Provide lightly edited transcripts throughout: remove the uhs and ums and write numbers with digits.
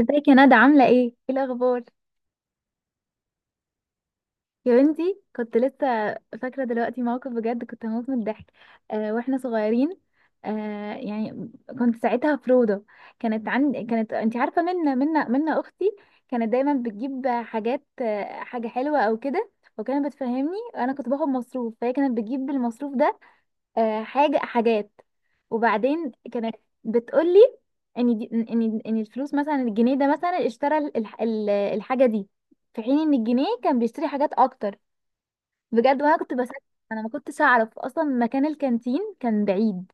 ازيك يا ندى؟ عاملة ايه؟ ايه الأخبار؟ يا بنتي، كنت لسه فاكرة دلوقتي موقف، بجد كنت هموت من الضحك. واحنا صغيرين. آه يعني كنت ساعتها في روضة. كانت عند كانت انت عارفة، منا أختي، كانت دايما بتجيب حاجات، حاجة حلوة أو كده. وكانت بتفهمني، أنا كنت باخد مصروف، فهي كانت بتجيب بالمصروف ده. حاجة حاجات. وبعدين كانت بتقولي ان دي، ان ان الفلوس مثلا، الجنيه ده مثلا اشترى الحاجة دي، في حين ان الجنيه كان بيشتري حاجات اكتر، بجد. وانا كنت بسكت، انا ما كنتش اعرف اصلا، مكان الكانتين كان بعيد.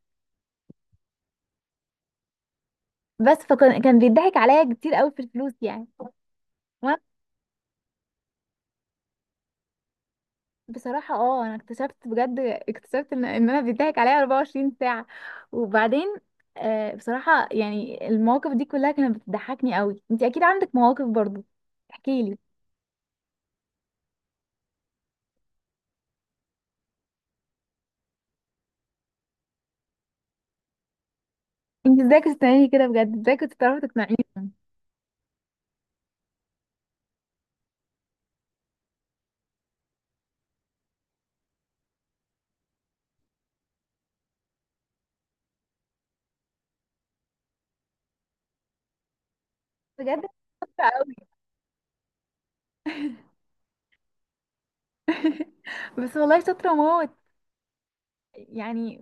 بس فكان بيضحك عليا كتير قوي في الفلوس يعني. بصراحة انا اكتشفت بجد، ان انا بيضحك عليا 24 ساعة. وبعدين، بصراحة يعني المواقف دي كلها كانت بتضحكني قوي. انت اكيد عندك مواقف برضو، احكي لي. انت ازاي كنت بتعملي كده؟ بجد ازاي كنت بتعرفي تقنعيهم؟ بجد شاطرة قوي. بس والله شاطرة موت يعني.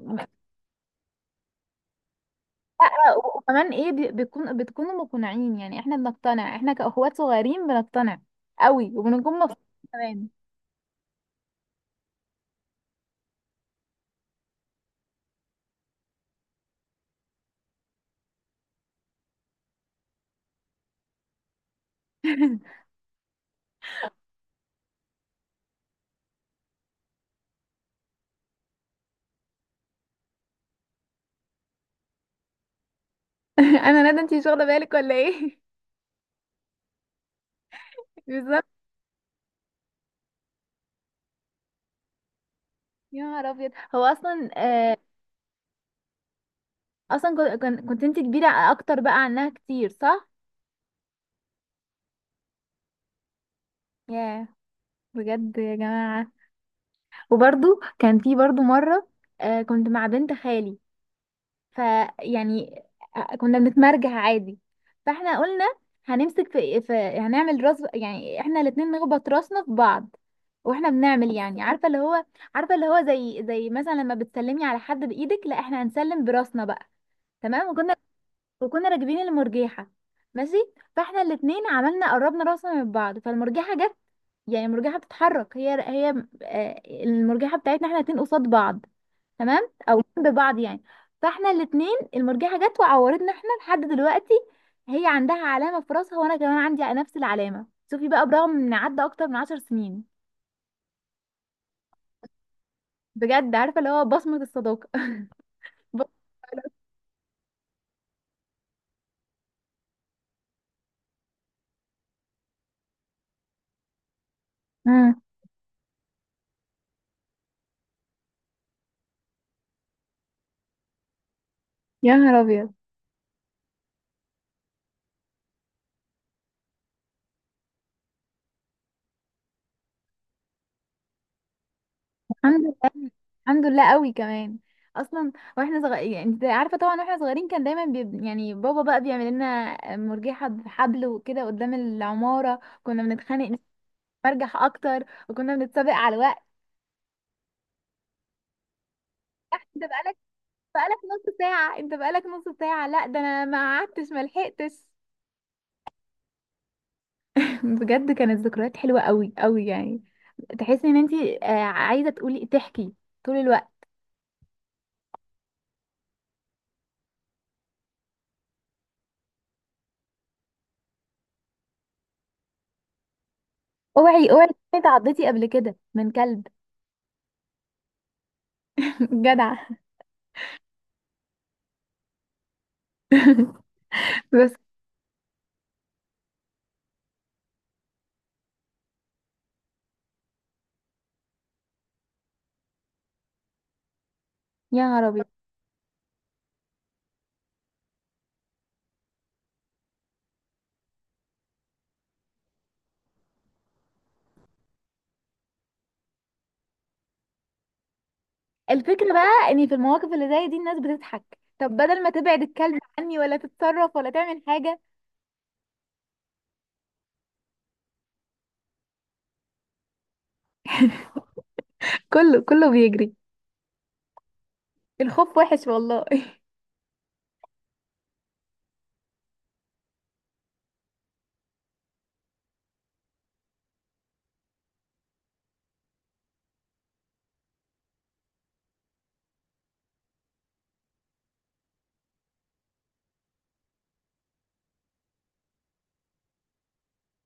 لا، وكمان ايه، بي- بيكون بتكونوا مقنعين، يعني احنا بنقتنع، احنا كأخوات صغيرين بنقتنع قوي وبنكون مبسوطين كمان. انا ندى، انت مش واخدة بالك ولا ايه؟ بالظبط. يا نهار ابيض، هو اصلا، اصلا كنت انت كبيره اكتر بقى عنها كتير، صح؟ ياه، بجد يا جماعه. وبرضو كان في برضو مره، كنت مع بنت خالي، فيعني كنا بنتمرجح عادي. فاحنا قلنا هنمسك في هنعمل راس، يعني احنا الاتنين نخبط راسنا في بعض. واحنا بنعمل، يعني عارفه اللي هو، زي مثلا لما بتسلمي على حد بايدك، لا احنا هنسلم براسنا بقى. تمام، وكنا راكبين المرجيحة، ماشي. فاحنا الاتنين عملنا، قربنا راسنا من بعض، فالمرجيحة جت، يعني المرجيحة بتتحرك هي، المرجيحة بتاعتنا احنا الاتنين قصاد بعض، تمام، او جنب بعض يعني. فاحنا الاتنين المرجيحة جت وعورتنا، احنا لحد دلوقتي هي عندها علامة في راسها وانا كمان عندي نفس العلامة. شوفي بقى، برغم ان عدى اكتر من 10 سنين، بجد، عارفة اللي هو بصمة الصداقة. امم. يا نهار ابيض. الحمد لله قوي كمان. اصلا واحنا صغيرين، يعني انت عارفه طبعا، واحنا صغيرين كان دايما يعني بابا بقى بيعمل لنا مرجحه بحبل وكده قدام العماره، كنا بنتخانق نرجح اكتر، وكنا بنتسابق على الوقت. انت بقالك، نص ساعه، انت بقالك نص ساعه، لا ده انا ما قعدتش ما لحقتش. بجد كانت ذكريات حلوه قوي قوي يعني. تحسي ان انت، عايزه تقولي، تحكي طول الوقت. اوعي اوعي تكوني اتعضيتي قبل كده من كلب؟ جدع. بس. يا عربي. الفكرة بقى ان في المواقف اللي زي دي الناس بتضحك، طب بدل ما تبعد الكلب عني ولا تتصرف ولا تعمل حاجة. كله كله بيجري. الخوف وحش والله.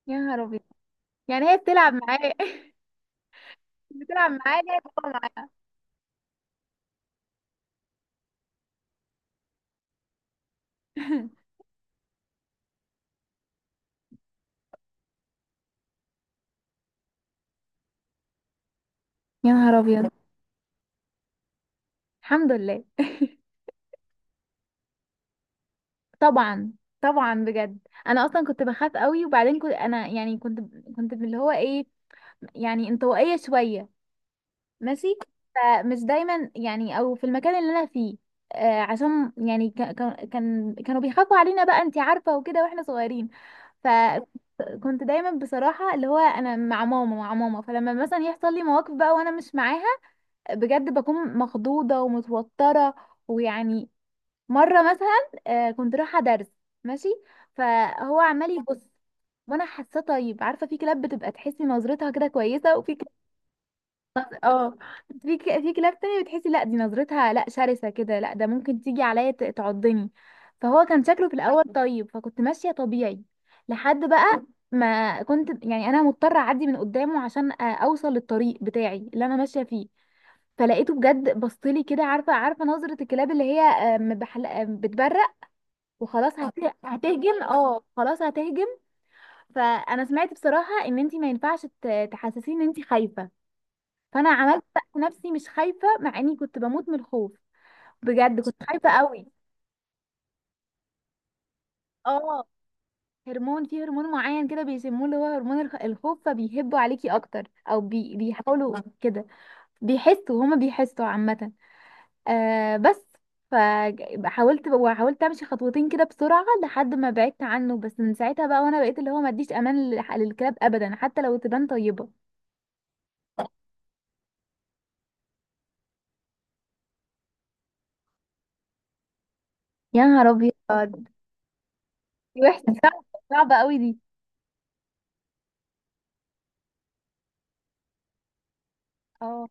يا نهار ابيض. يعني هي بتلعب معاه؟ بتلعب معاه، هي بتلعب معاه. يا نهار ابيض. الحمد لله. طبعا، طبعا، بجد. انا اصلا كنت بخاف قوي. وبعدين كنت انا يعني، كنت اللي هو ايه، يعني انطوائية شوية، ماشي. فمش دايما يعني، او في المكان اللي انا فيه. عشان يعني كانوا بيخافوا علينا بقى، انت عارفه وكده، واحنا صغيرين. فكنت دايما بصراحه، اللي هو، انا مع ماما مع ماما. فلما مثلا يحصل لي مواقف بقى وانا مش معاها، بجد بكون مخضوضه ومتوتره، ويعني مره مثلا، كنت رايحه درس، ماشي، فهو عمال يبص، وانا حاساه طيب. عارفه في كلاب بتبقى تحسي نظرتها كده كويسه، وفي، اه، في في كلاب تانية بتحسي لا، دي نظرتها لا شرسة كده، لا ده ممكن تيجي عليا تعضني. فهو كان شكله في الأول طيب، فكنت ماشية طبيعي لحد بقى ما كنت يعني، أنا مضطرة أعدي من قدامه عشان أوصل للطريق بتاعي اللي أنا ماشية فيه. فلقيته بجد بصلي كده، عارفة نظرة الكلاب اللي هي، بتبرق، وخلاص هتهجم، اه خلاص هتهجم. فأنا سمعت بصراحة إن انتي ما ينفعش تحسسيه إن انتي خايفة، فانا عملت بقى نفسي مش خايفه مع اني كنت بموت من الخوف، بجد كنت خايفه قوي. اه، في هرمون معين كده بيسموه، اللي هو هرمون الخوف، فبيهبوا عليكي اكتر، او بيحاولوا كده. هما بيحسوا عامه. بس. فحاولت وحاولت امشي خطوتين كده بسرعه لحد ما بعدت عنه، بس من ساعتها بقى وانا بقيت اللي هو ما اديش امان للكلاب ابدا، حتى لو تبان طيبه. يا نهار ابيض. دي وحشه صعبه، صعبه قوي دي. اه،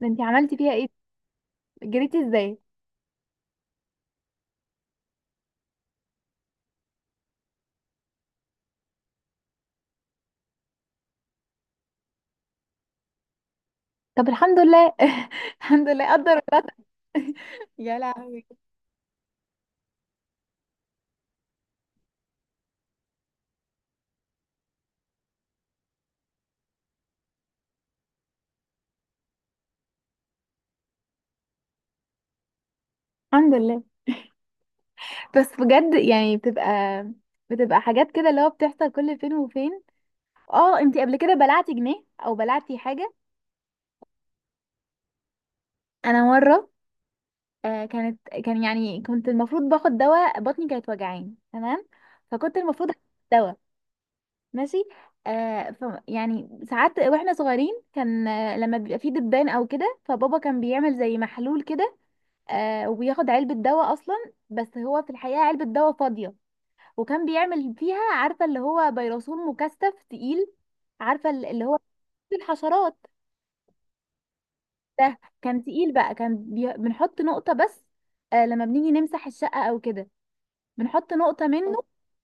ده انتي عملتي فيها ايه؟ جريتي ازاي؟ طب الحمد لله. الحمد لله، قدر الله. يا لهوي. الحمد لله. بس بجد يعني، بتبقى حاجات كده اللي هو بتحصل كل فين وفين. اه، انتي قبل كده بلعتي جنيه او بلعتي حاجة؟ انا مرة، كانت كان يعني كنت المفروض باخد دواء، بطني كانت وجعاني، تمام، فكنت المفروض آخد دواء، ماشي. آه ف يعني ساعات واحنا صغيرين كان، لما بيبقى فيه دبان او كده فبابا كان بيعمل زي محلول كده، وبياخد علبة دواء أصلا، بس هو في الحقيقة علبة دواء فاضية. وكان بيعمل فيها، عارفة اللي هو، بيروسول مكثف تقيل، عارفة اللي هو الحشرات ده. كان تقيل بقى، كان بنحط نقطة بس، لما بنيجي نمسح الشقة أو كده بنحط نقطة منه،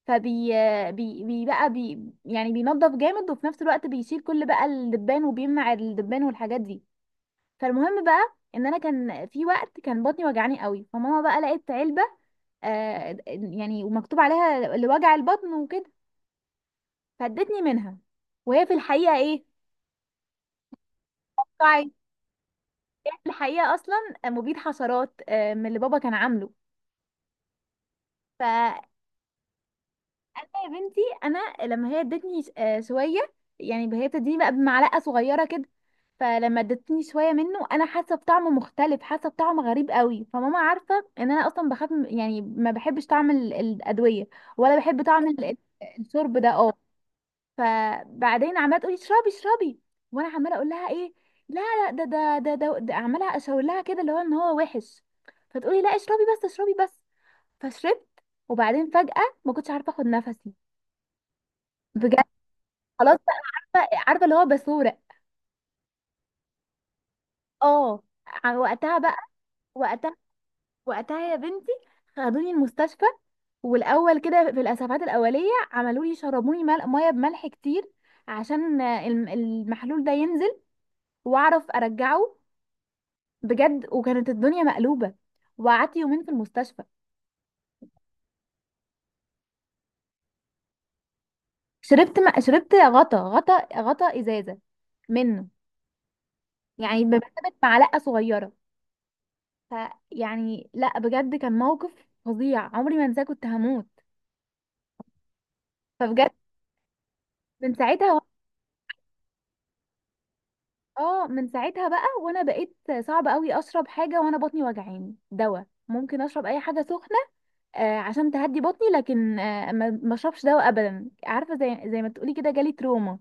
فبي بي... بي بقى بي... يعني بينضف جامد وفي نفس الوقت بيشيل كل بقى الدبان وبيمنع الدبان والحاجات دي. فالمهم بقى ان انا كان في وقت كان بطني وجعاني قوي، فماما بقى لقيت علبه، يعني ومكتوب عليها لوجع البطن وكده، فادتني منها، وهي في الحقيقه ايه؟ طعي. هي في الحقيقه اصلا مبيد حشرات، من اللي بابا كان عامله. انا يا بنتي، لما هي ادتني شويه، يعني هي بتديني بقى بمعلقه صغيره كده، فلما ادتني شويه منه انا حاسه بطعم مختلف، حاسه بطعم غريب قوي. فماما عارفه ان انا اصلا بخاف يعني ما بحبش طعم الادويه، ولا بحب طعم الشرب ده، اه. فبعدين عماله تقولي اشربي اشربي، وانا عماله اقول لها ايه، لا لا ده, عماله اشاور لها كده اللي هو ان هو وحش، فتقولي لا، اشربي بس، اشربي بس. فشربت، وبعدين فجأة ما كنتش عارفه اخد نفسي، بجد خلاص بقى، عارفه اللي هو باسوره. اه وقتها بقى، وقتها، وقتها يا بنتي خدوني المستشفى. والاول كده في الاسعافات الاوليه عملوا لي، شربوني ميه بملح كتير، عشان المحلول ده ينزل واعرف ارجعه، بجد. وكانت الدنيا مقلوبه، وقعدت يومين في المستشفى. شربت غطا غطا غطا ازازه منه، يعني بمثابه معلقه صغيره. فيعني لا، بجد كان موقف فظيع عمري ما انساه، كنت هموت. فبجد من ساعتها و... اه من ساعتها بقى وانا بقيت صعب قوي اشرب حاجه وانا بطني وجعاني، دواء. ممكن اشرب اي حاجه سخنه، عشان تهدي بطني، لكن ما اشربش دواء ابدا، عارفه زي ما تقولي كده جالي تروما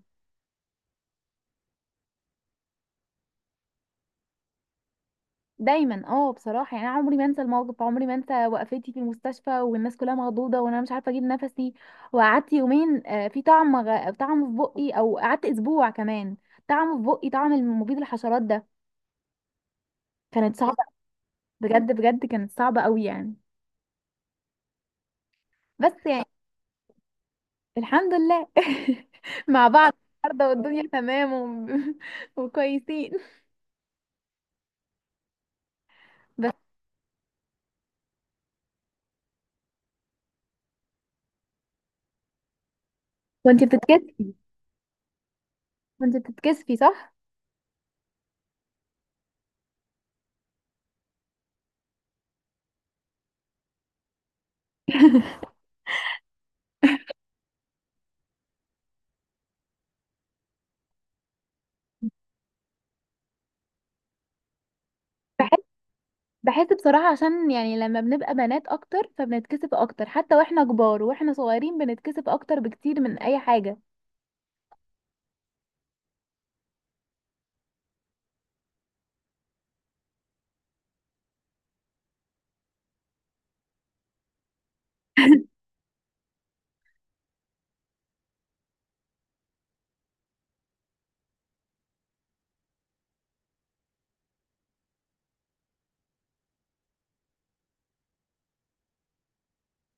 دايما. اه، بصراحه يعني انا عمري ما انسى الموقف، عمري ما انسى وقفتي في المستشفى والناس كلها مخضوضه وانا مش عارفه اجيب نفسي. وقعدت يومين، في طعم طعم في بقي، او قعدت اسبوع كمان، طعم في بقي، طعم المبيد الحشرات ده. كانت صعبه، بجد بجد كانت صعبه قوي يعني. بس يعني الحمد لله. مع بعض النهارده، والدنيا تمام وكويسين. بس، وانت بتتكسفي وانت بتتكسفي، صح؟ بحس بحس بصراحة، عشان يعني لما بنبقى بنات اكتر فبنتكسف اكتر، حتى واحنا كبار، واحنا صغيرين بنتكسف اكتر بكتير من اي حاجة.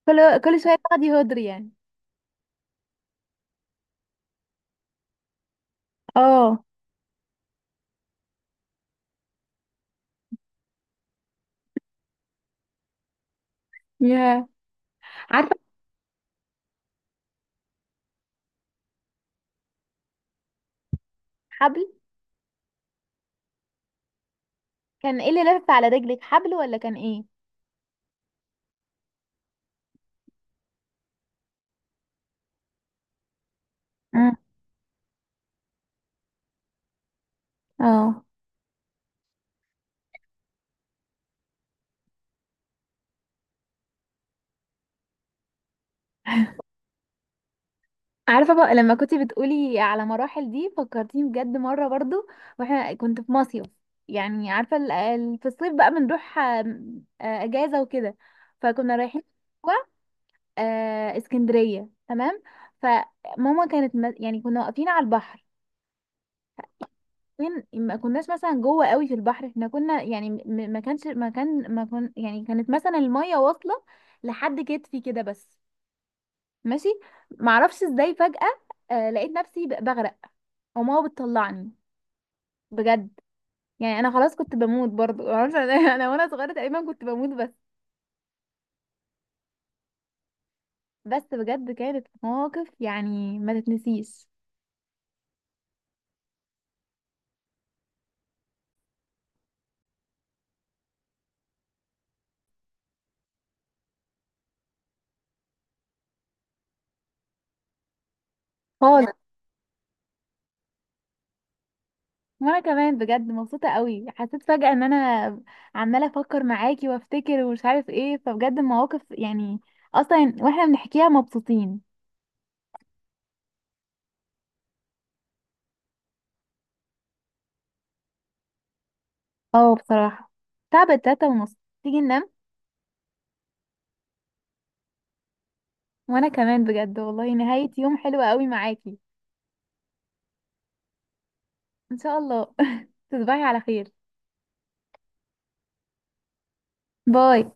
كل شوية تاخدي هدري يعني. اه، يا عارفة، حبل؟ كان ايه اللي لف على رجلك، حبل ولا كان ايه؟ مم. اه، عارفة بقى لما كنت بتقولي على مراحل دي، فكرتيني بجد مرة برضو، واحنا كنت في مصيف، يعني عارفة في الصيف بقى بنروح آم، آه، أجازة وكده، فكنا رايحين و- اسكندرية، تمام. فماما كانت يعني كنا واقفين على البحر، فين، ما كناش مثلا جوه قوي في البحر، احنا كنا يعني، م- ما كانش ما كان ما كن يعني كانت مثلا المية واصلة لحد كتفي كده بس، ماشي. معرفش ازاي فجأة لقيت نفسي بغرق، وماما بتطلعني، بجد. يعني انا خلاص كنت بموت برضو، معرفش انا. أنا وانا صغيرة تقريبا كنت بموت، بس. بس بجد كانت مواقف يعني ما تتنسيش. خالص. وانا كمان بجد مبسوطة قوي، حسيت فجأة ان انا عمالة افكر معاكي وافتكر ومش عارف ايه. فبجد المواقف يعني، اصلا واحنا بنحكيها مبسوطين. اه بصراحة تعبت، 3:30، تيجي ننام؟ وانا كمان بجد والله نهاية يوم حلوة قوي معاكي. ان شاء الله. تصبحي على خير. باي